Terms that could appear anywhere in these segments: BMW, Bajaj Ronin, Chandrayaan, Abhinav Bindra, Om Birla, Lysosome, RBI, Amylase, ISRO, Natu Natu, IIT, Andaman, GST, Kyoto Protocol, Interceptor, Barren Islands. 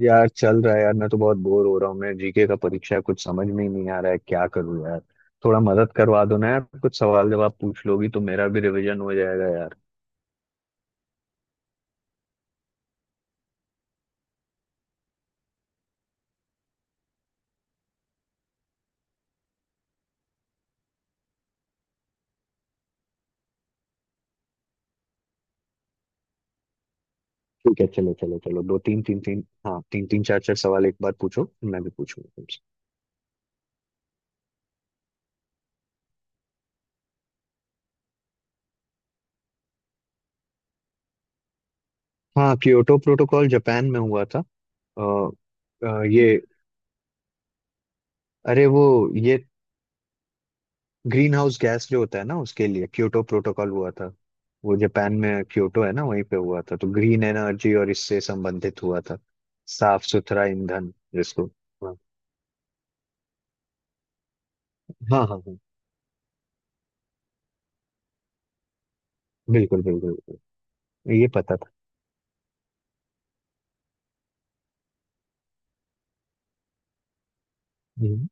यार, चल रहा है यार। मैं तो बहुत बोर हो रहा हूँ। मैं जीके का परीक्षा है, कुछ समझ में ही नहीं आ रहा है, क्या करूँ यार। थोड़ा मदद करवा दो ना यार, कुछ सवाल जवाब पूछ लोगी तो मेरा भी रिवीजन हो जाएगा यार। ठीक है, चलो चलो चलो, दो तीन तीन तीन हाँ तीन तीन चार चार सवाल एक बार पूछो, फिर मैं भी पूछूंगा तुमसे। हाँ, क्योटो प्रोटोकॉल जापान में हुआ था। आ, ये अरे वो ये ग्रीन हाउस गैस जो होता है ना, उसके लिए क्योटो प्रोटोकॉल हुआ था। वो जापान में क्योटो है ना, वहीं पे हुआ था, तो ग्रीन एनर्जी और इससे संबंधित हुआ था। साफ सुथरा ईंधन जिसको। हाँ हाँ हाँ हाँ, बिल्कुल बिल्कुल बिल्कुल। ये पता था। हम्म।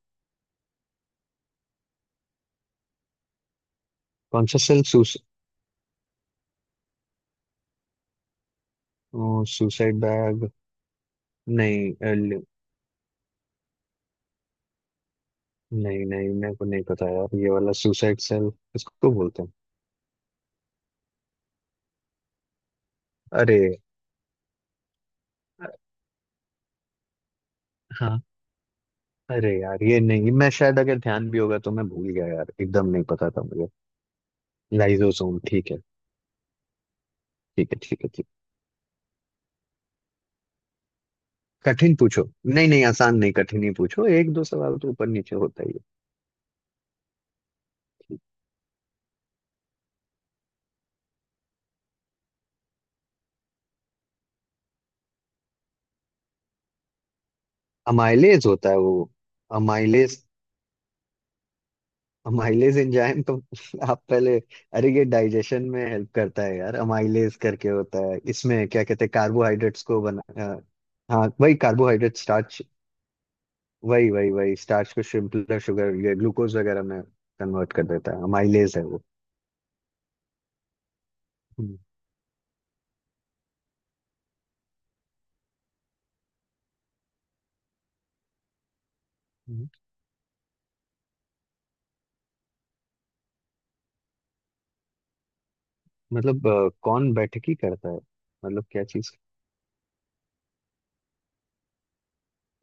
कौन सा सेल? Suicide bag. नहीं, नहीं नहीं, मेरे को नहीं पता यार, ये वाला सुसाइड सेल इसको तो बोलते हैं। अरे, अ, हाँ। अरे यार, ये नहीं, मैं शायद अगर ध्यान भी होगा तो मैं भूल गया यार, एकदम नहीं पता था मुझे। लाइजोसोम, ठीक है। ठीक है ठीक है ठीक। कठिन पूछो, नहीं नहीं, आसान नहीं कठिन ही पूछो, एक दो सवाल तो ऊपर नीचे होता ही है। अमाइलेज होता है वो। अमाइलेज। अमाइलेज एंजाइम तो आप पहले, अरे ये डाइजेशन में हेल्प करता है यार, अमाइलेज करके होता है, इसमें क्या कहते हैं कार्बोहाइड्रेट्स को बना। अ, हाँ, वही कार्बोहाइड्रेट स्टार्च। वही वही वही स्टार्च को सिंपलर शुगर, ये ग्लूकोज वगैरह में कन्वर्ट कर देता है, अमाइलेज है वो। हम्म, हम्म। मतलब कौन बैठकी करता है? मतलब क्या चीज?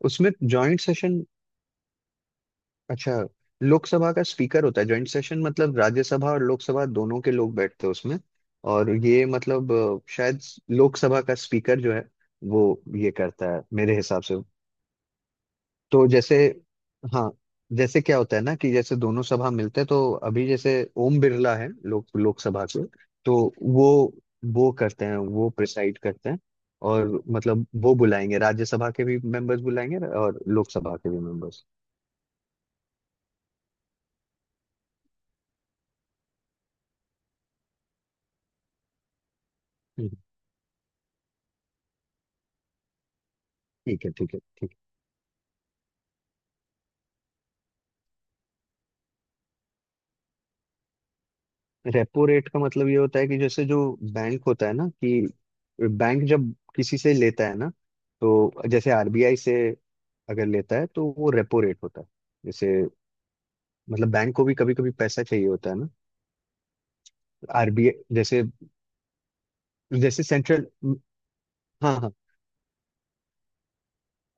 उसमें जॉइंट सेशन? अच्छा, लोकसभा का स्पीकर होता है। जॉइंट सेशन मतलब राज्यसभा और लोकसभा दोनों के लोग बैठते हैं उसमें। और ये मतलब शायद लोकसभा का स्पीकर जो है, वो ये करता है, मेरे हिसाब से। तो जैसे, हाँ, जैसे क्या होता है ना कि जैसे दोनों सभा मिलते हैं, तो अभी जैसे ओम बिरला है लोकसभा के, तो वो वो करते हैं, वो प्रिसाइड करते हैं। और मतलब वो बुलाएंगे, राज्यसभा के भी मेंबर्स बुलाएंगे और लोकसभा के भी मेंबर्स। ठीक है ठीक है ठीक है। रेपो रेट का मतलब ये होता है कि जैसे जो बैंक होता है ना कि बैंक जब किसी से लेता है ना, तो जैसे आरबीआई से अगर लेता है तो वो रेपो रेट होता है। जैसे, मतलब बैंक को भी कभी कभी पैसा चाहिए होता है ना। आरबीआई जैसे, जैसे सेंट्रल, हाँ हाँ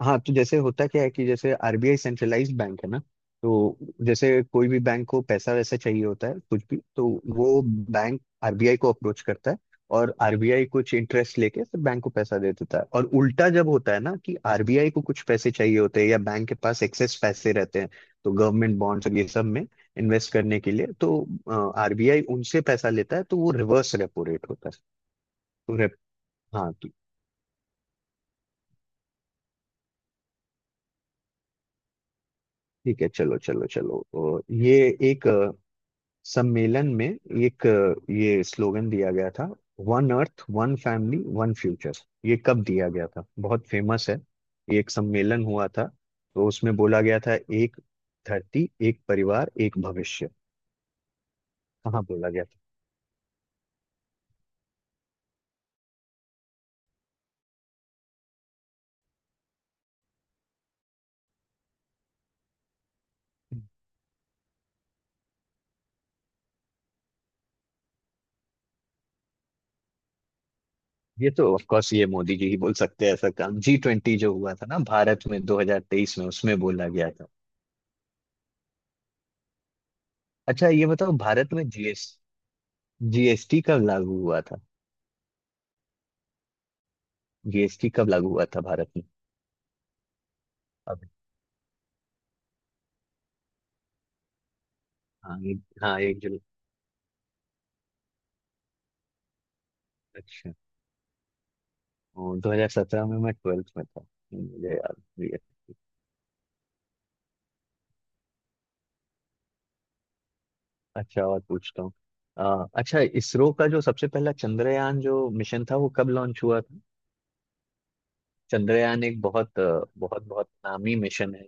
हाँ। तो जैसे होता क्या है कि जैसे आरबीआई सेंट्रलाइज्ड बैंक है ना, तो जैसे कोई भी बैंक को पैसा वैसा चाहिए होता है कुछ भी, तो वो बैंक आरबीआई को अप्रोच करता है, और आरबीआई कुछ इंटरेस्ट लेके फिर बैंक को पैसा दे देता है। और उल्टा जब होता है ना कि आरबीआई को कुछ पैसे चाहिए होते हैं या बैंक के पास एक्सेस पैसे रहते हैं, तो गवर्नमेंट बॉन्ड्स और ये सब में इन्वेस्ट करने के लिए तो आरबीआई उनसे पैसा लेता है, तो वो रिवर्स रेपो रेट होता है। तो रेप हाँ, तो ठीक है। चलो चलो चलो, ये। एक सम्मेलन में एक, ये स्लोगन दिया गया था, one earth one family one future. ये कब दिया गया था? बहुत फेमस है ये। एक सम्मेलन हुआ था तो उसमें बोला गया था, एक धरती, एक परिवार, एक भविष्य। कहाँ बोला गया था? ये तो ऑफ कोर्स ये मोदी जी ही बोल सकते हैं ऐसा काम। जी ट्वेंटी जो हुआ था ना भारत में 2023 में, उसमें बोला गया था। अच्छा, ये बताओ, भारत में जीएसटी कब लागू हुआ था? जीएसटी कब लागू हुआ था भारत में? अभी। हाँ, एक, हाँ, 1 जुलाई। अच्छा। वो 2017 में मैं ट्वेल्थ में था, मुझे याद भी है। अच्छा और पूछता हूँ। अच्छा, इसरो का जो सबसे पहला चंद्रयान जो मिशन था, वो कब लॉन्च हुआ था? चंद्रयान एक बहुत, बहुत बहुत नामी मिशन है।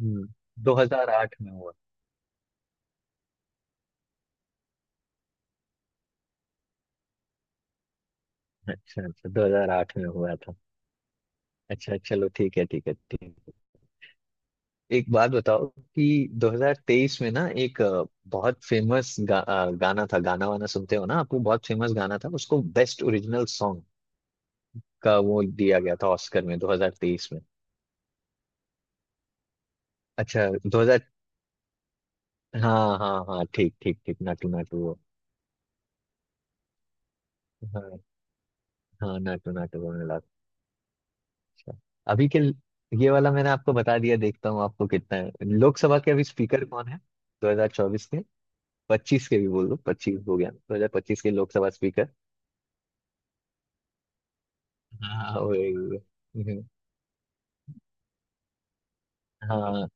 हम्म, 2008 में हुआ। अच्छा अच्छा, 2008 में हुआ था। अच्छा चलो, ठीक है ठीक है ठीक है। एक बात बताओ कि 2023 में ना, एक बहुत फेमस गाना था, गाना वाना सुनते हो ना, आपको बहुत फेमस गाना था, उसको बेस्ट ओरिजिनल सॉन्ग का वो दिया गया था ऑस्कर में 2023 में। अच्छा 2000। हाँ हाँ हाँ, ठीक ठीक ठीक, नाटू नाटू वो। हाँ हाँ, नाटू नाटू वो मिला था। अच्छा, अभी के ये वाला मैंने आपको बता दिया, देखता हूँ आपको कितना है। लोकसभा के अभी स्पीकर कौन है? 2024 के, 25 के भी बोल दो, 25 हो गया, 2025 के लोकसभा स्पीकर। हाँ, वही। हाँ,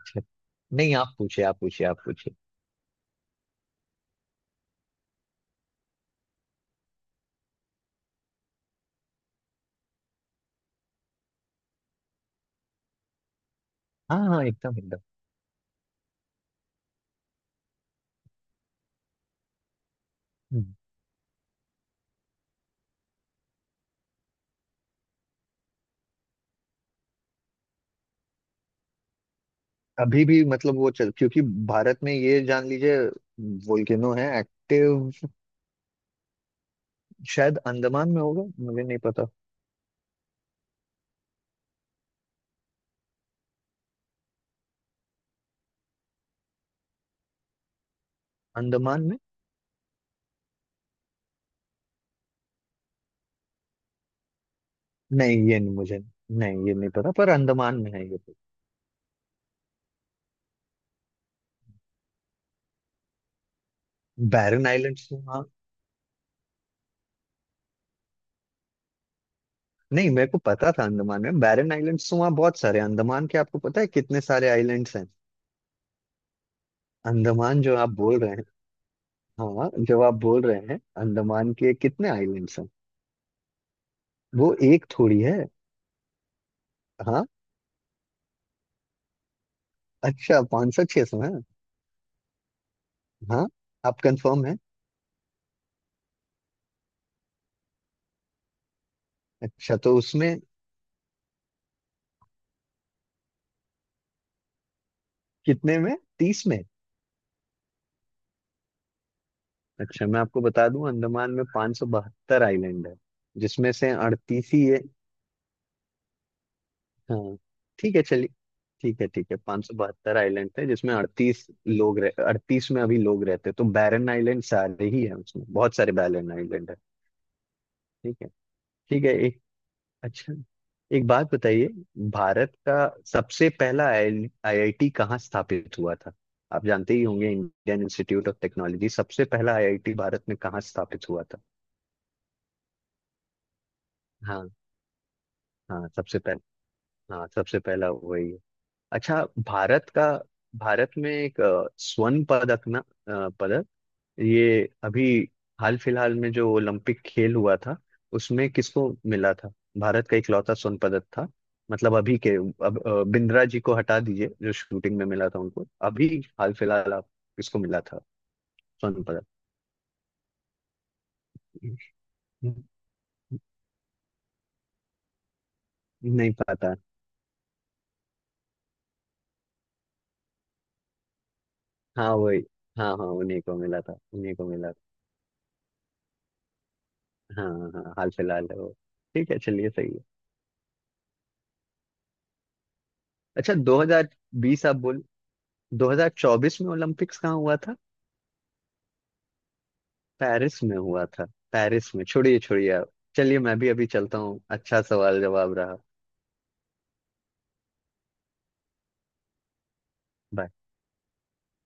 अच्छा नहीं, आप पूछे आप पूछे आप पूछे। हाँ हाँ, एकदम एकदम। अभी भी मतलब वो चल, क्योंकि भारत में ये जान लीजिए, वोल्केनो है एक्टिव। शायद अंडमान में होगा, मुझे नहीं पता। अंडमान में। नहीं ये नहीं मुझे, नहीं ये नहीं पता, पर अंडमान में है ये तो। बैरन आइलैंड्स तो वहाँ। नहीं, मेरे को पता था। अंडमान में बैरन आइलैंड्स तो वहाँ बहुत सारे हैं। अंडमान के आपको पता है कितने सारे आइलैंड्स हैं? अंडमान जो आप बोल रहे हैं, हाँ, जो आप बोल रहे हैं अंडमान के, कितने आइलैंड्स हैं? वो एक थोड़ी है। हाँ, अच्छा, पाँच सौ छह सौ है? हाँ, आप कंफर्म है? अच्छा तो उसमें, कितने में, 30 में। अच्छा मैं आपको बता दूं, अंडमान में 572 आइलैंड है, जिसमें से 38 ही है। हाँ, ठीक है चलिए, ठीक है ठीक है। 572 आइलैंड थे, जिसमें 38 लोग रह, 38 में अभी लोग रहते हैं, तो बैरन आइलैंड सारे ही है, उसमें बहुत सारे बैरन आइलैंड है। ठीक है ठीक है। अच्छा, एक बात बताइए। भारत का सबसे पहला आईआईटी कहाँ स्थापित हुआ था? आप जानते ही होंगे, इंडियन इंस्टीट्यूट ऑफ टेक्नोलॉजी, सबसे पहला आईआईटी भारत में कहाँ स्थापित हुआ था? हाँ हाँ, सबसे पहला। हाँ, सबसे पहला वही है। अच्छा। भारत का भारत में एक, स्वर्ण पदक ना, पदक ये अभी हाल फिलहाल में जो ओलंपिक खेल हुआ था, उसमें किसको मिला था? भारत का इकलौता स्वर्ण पदक था, मतलब अभी के। अब बिंद्रा जी को हटा दीजिए, जो शूटिंग में मिला था उनको। अभी हाल फिलहाल आप, किसको मिला था स्वर्ण पदक? नहीं पता? हाँ वही। हाँ हाँ, उन्हीं को मिला था, उन्हीं को मिला था। हाँ हाँ हाँ, हाल फिलहाल है वो। ठीक है चलिए, सही है। अच्छा, 2020 आप बोल, 2024 में ओलंपिक्स कहाँ हुआ? पेरिस में हुआ था पेरिस में, छोड़िए छोड़िए आप। चलिए मैं भी अभी चलता हूँ, अच्छा सवाल जवाब रहा। बाय।